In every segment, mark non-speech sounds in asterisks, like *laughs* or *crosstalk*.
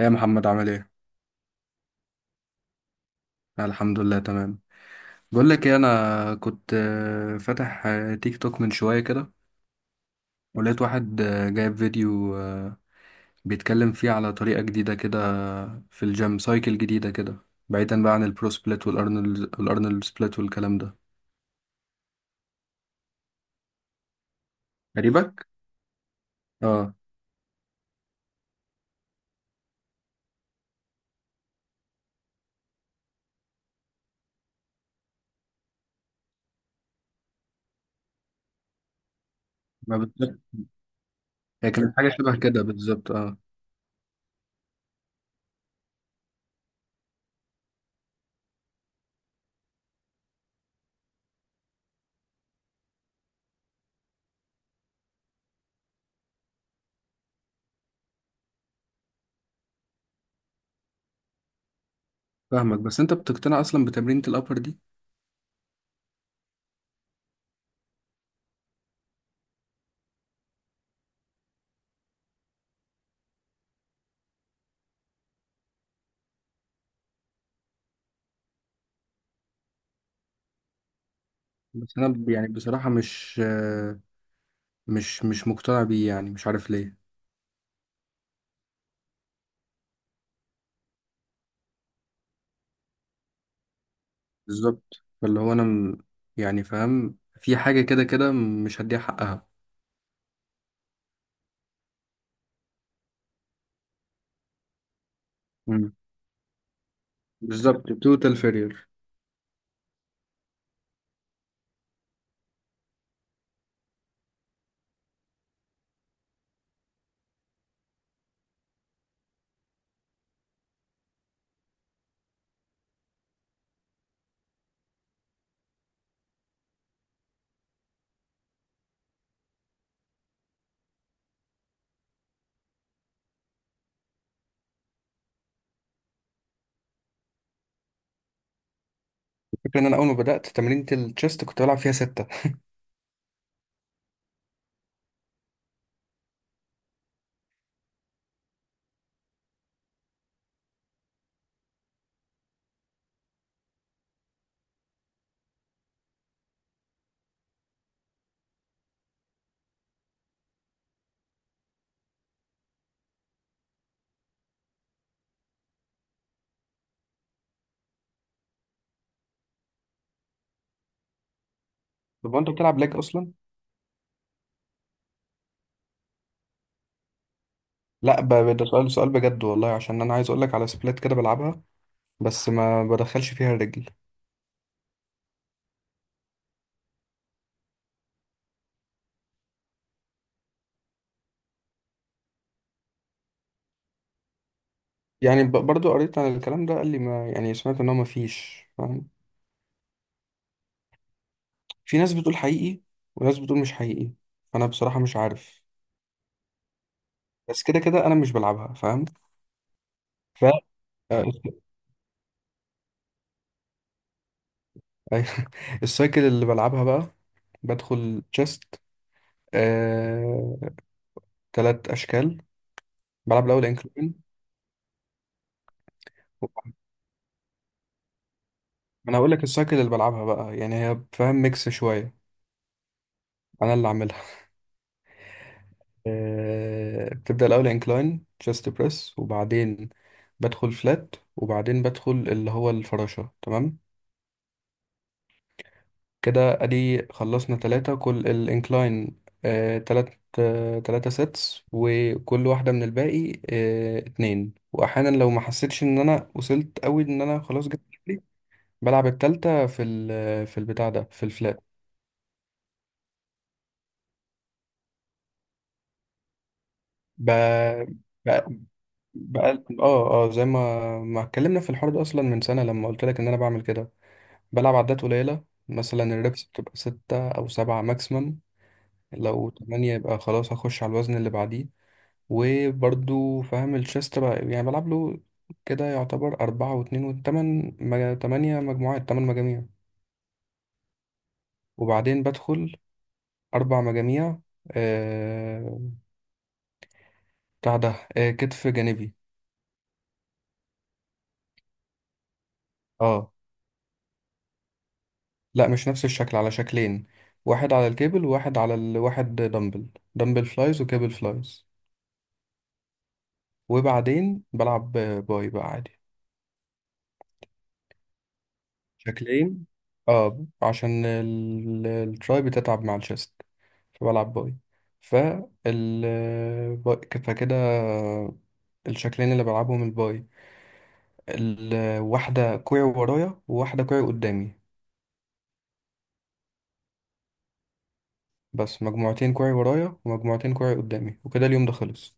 ايه يا محمد، عامل ايه؟ الحمد لله، تمام. بقول لك ايه، انا كنت فاتح تيك توك من شوية كده، ولقيت واحد جايب فيديو، بيتكلم فيه على طريقة جديدة كده، في الجيم، سايكل جديدة كده، بعيدا بقى عن البرو سبليت والارنولد والارنولد سبليت والكلام ده. قريبك؟ اه. ما بالظبط. هي كانت حاجة شبه كده بالظبط. اه، فاهمك، بس انت بتقتنع اصلا بتمرينة الابر دي؟ بس انا يعني بصراحة مش مقتنع بيه، يعني مش عارف ليه بالظبط. فاللي هو انا يعني فاهم، في حاجه كده كده مش هديها حقها. مم. بالظبط، توتال فيرير. الفكره ان انا اول ما بدات تمرينة التشيست كنت بلعب فيها 6. طب انت بتلعب ليج اصلا؟ لا، ده سؤال بجد والله، عشان انا عايز اقول لك على سبلات كده بلعبها، بس ما بدخلش فيها الرجل. يعني برضو قريت عن الكلام ده، قال لي ما يعني، سمعت ان هو ما فيش فاهم. في ناس بتقول حقيقي وناس بتقول مش حقيقي، انا بصراحه مش عارف، بس كده كده انا مش بلعبها فاهم. ف آه، أيوة. *laughs* السايكل اللي بلعبها بقى، بدخل تشيست، آه... 3 أشكال. بلعب الأول انكلين. أنا هقول لك السايكل اللي بلعبها بقى، يعني هي فاهم ميكس شوية، أنا اللي عاملها. *laughs* بتبدأ الأول انكلاين تشيست بريس، وبعدين بدخل فلات، وبعدين بدخل اللي هو الفراشة، تمام. كده ادي خلصنا تلاتة، كل الانكلاين 3 سيتس، وكل واحدة من الباقي اتنين، واحيانا لو ما حسيتش ان انا وصلت قوي، ان انا خلاص جبت اخري، بلعب التالتة في ال في البتاع ده، في الفلات. ب... ب... بقى، اه، زي ما اتكلمنا في الحوار ده اصلا من سنة، لما قلت لك ان انا بعمل كده. بلعب عدات قليلة، مثلا الريبس بتبقى 6 او 7 ماكسيمم. لو 8 يبقى خلاص، هخش على الوزن اللي بعديه. وبرضو فاهم الشيس تبع، يعني بلعب له كده، يعتبر أربعة واتنين، 8 مجموعات، تمن مجاميع. وبعدين بدخل 4 مجاميع، آه... بتاع ده، كتف جانبي. اه، لا، مش نفس الشكل، على شكلين: واحد على الكيبل وواحد على دمبل، دمبل فلايز وكيبل فلايز. وبعدين بلعب باي بقى عادي، شكلين، اه، عشان التراي بتتعب مع الشيست، فبلعب باي. فال فكده الشكلين اللي بلعبهم الباي، الواحدة كوعي ورايا وواحدة كوعي قدامي، بس مجموعتين كوعي ورايا ومجموعتين كوعي قدامي، وكده اليوم ده خلص.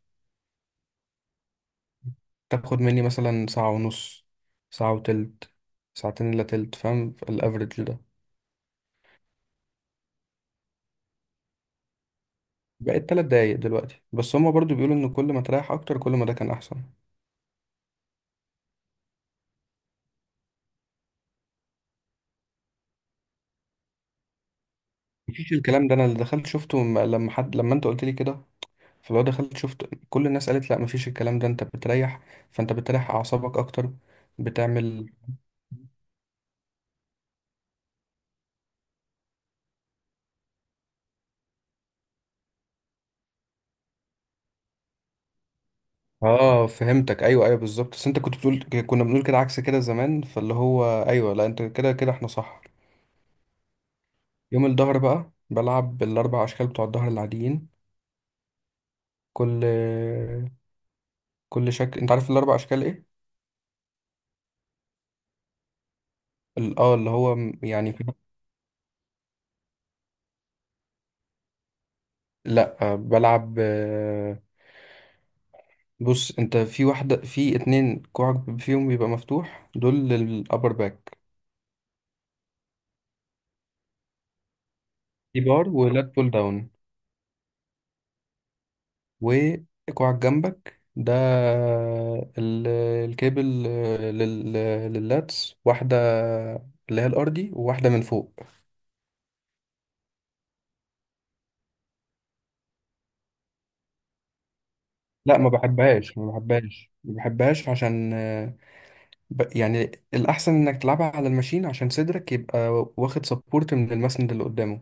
تاخد مني مثلا ساعة ونص، ساعة وتلت، ساعتين إلا تلت، فاهم الأفريج ده. بقيت 3 دقايق دلوقتي، بس هما برضو بيقولوا إن كل ما تريح أكتر كل ما ده كان أحسن. مفيش الكلام ده، انا اللي دخلت شفته، لما حد لما انت قلت لي كده، فلو دخلت شفت كل الناس قالت لا، مفيش الكلام ده، انت بتريح، فانت بتريح اعصابك اكتر، بتعمل. اه، فهمتك، ايوه، ايوه بالظبط. بس انت كنت بتقول، كنا بنقول كده عكس كده زمان، فاللي هو ايوه، لا، انت كده كده احنا صح. يوم الظهر بقى بلعب بالاربع اشكال بتوع الظهر العاديين. كل كل شكل، انت عارف الاربع اشكال ايه؟ يعني لا، بلعب، بص، انت في واحدة، في اتنين كوعك فيهم بيبقى مفتوح، دول للأبر باك، دي بار ولات بول داون. وكوعك جنبك ده، ال- الكابل، لل- لللاتس، واحدة اللي هي الأرضي وواحدة من فوق. لا، ما بحبهاش ما بحبهاش ما بحبهاش، عشان يعني الأحسن إنك تلعبها على الماشين، عشان صدرك يبقى واخد سبورت من المسند اللي قدامه.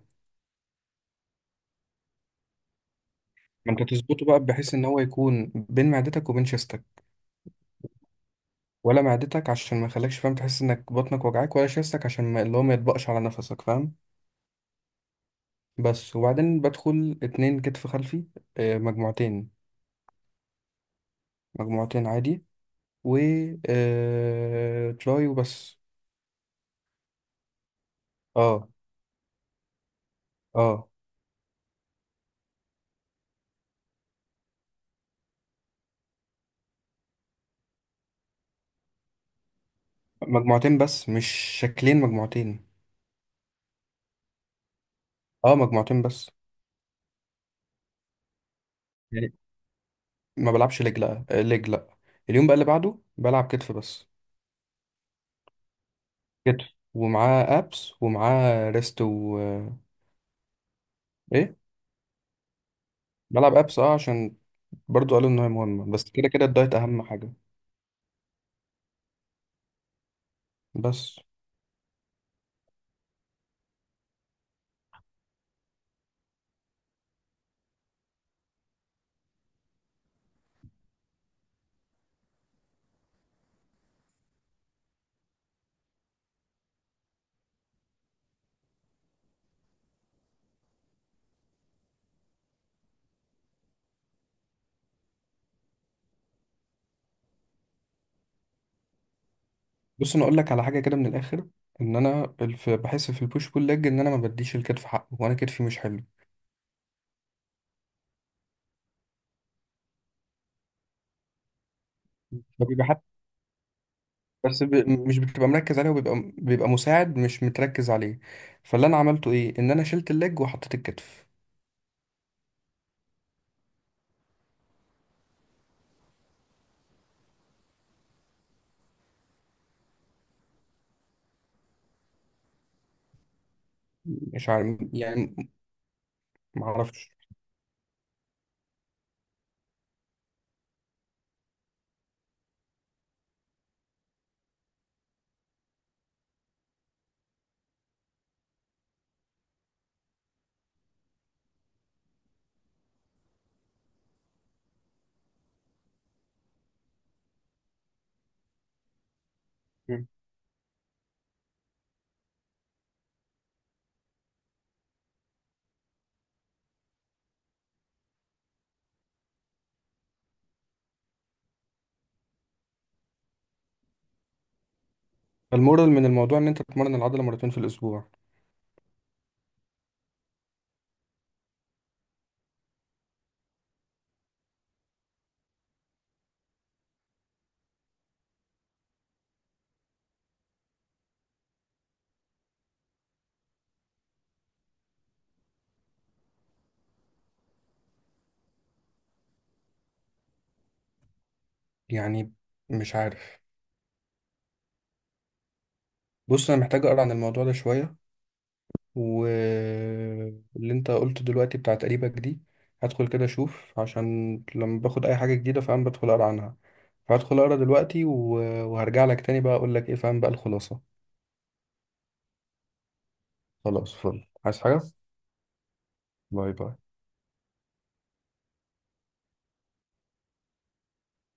ما انت تظبطه بقى بحيث ان هو يكون بين معدتك وبين شيستك، ولا معدتك عشان ما يخليكش فاهم تحس انك بطنك وجعاك، ولا شيستك عشان ما اللي هو ما يطبقش على نفسك فاهم. بس، وبعدين بدخل اتنين كتف خلفي، مجموعتين، مجموعتين عادي، و آه، تراي وبس. اه اه، مجموعتين، بس مش شكلين، مجموعتين. اه، مجموعتين بس. يعني ما بلعبش ليج، لا، ليج لا. اليوم بقى اللي بعده بلعب كتف بس، كتف، ومعاه ابس ومعاه ريست و ايه. بلعب ابس اه، عشان برضو قالوا ان هي مهمه، بس كده كده الدايت اهم حاجه. بس، بص انا اقول لك على حاجه كده من الاخر: ان انا بحس في البوش بول ليج ان انا ما بديش الكتف حقه، وانا كتفي مش حلو، فبيبقى حتى، بس ب... مش بتبقى مركز عليه، وبيبقى مساعد مش متركز عليه. فاللي انا عملته ايه، ان انا شلت الليج وحطيت الكتف. مش عارف يعني، ما اعرفش. مم. فالمورال من الموضوع ان انت تتمرن العضله مرتين في الاسبوع. يعني مش عارف. بص، انا محتاج اقرا عن الموضوع ده شويه، واللي انت قلته دلوقتي بتاعت قريبك دي، هدخل كده اشوف، عشان لما باخد اي حاجة جديدة فاهم بدخل اقرا عنها، فهدخل اقرا دلوقتي وهرجع لك تاني بقى اقول لك ايه فاهم، بقى الخلاصة. خلاص، فل، عايز حاجة؟ باي باي.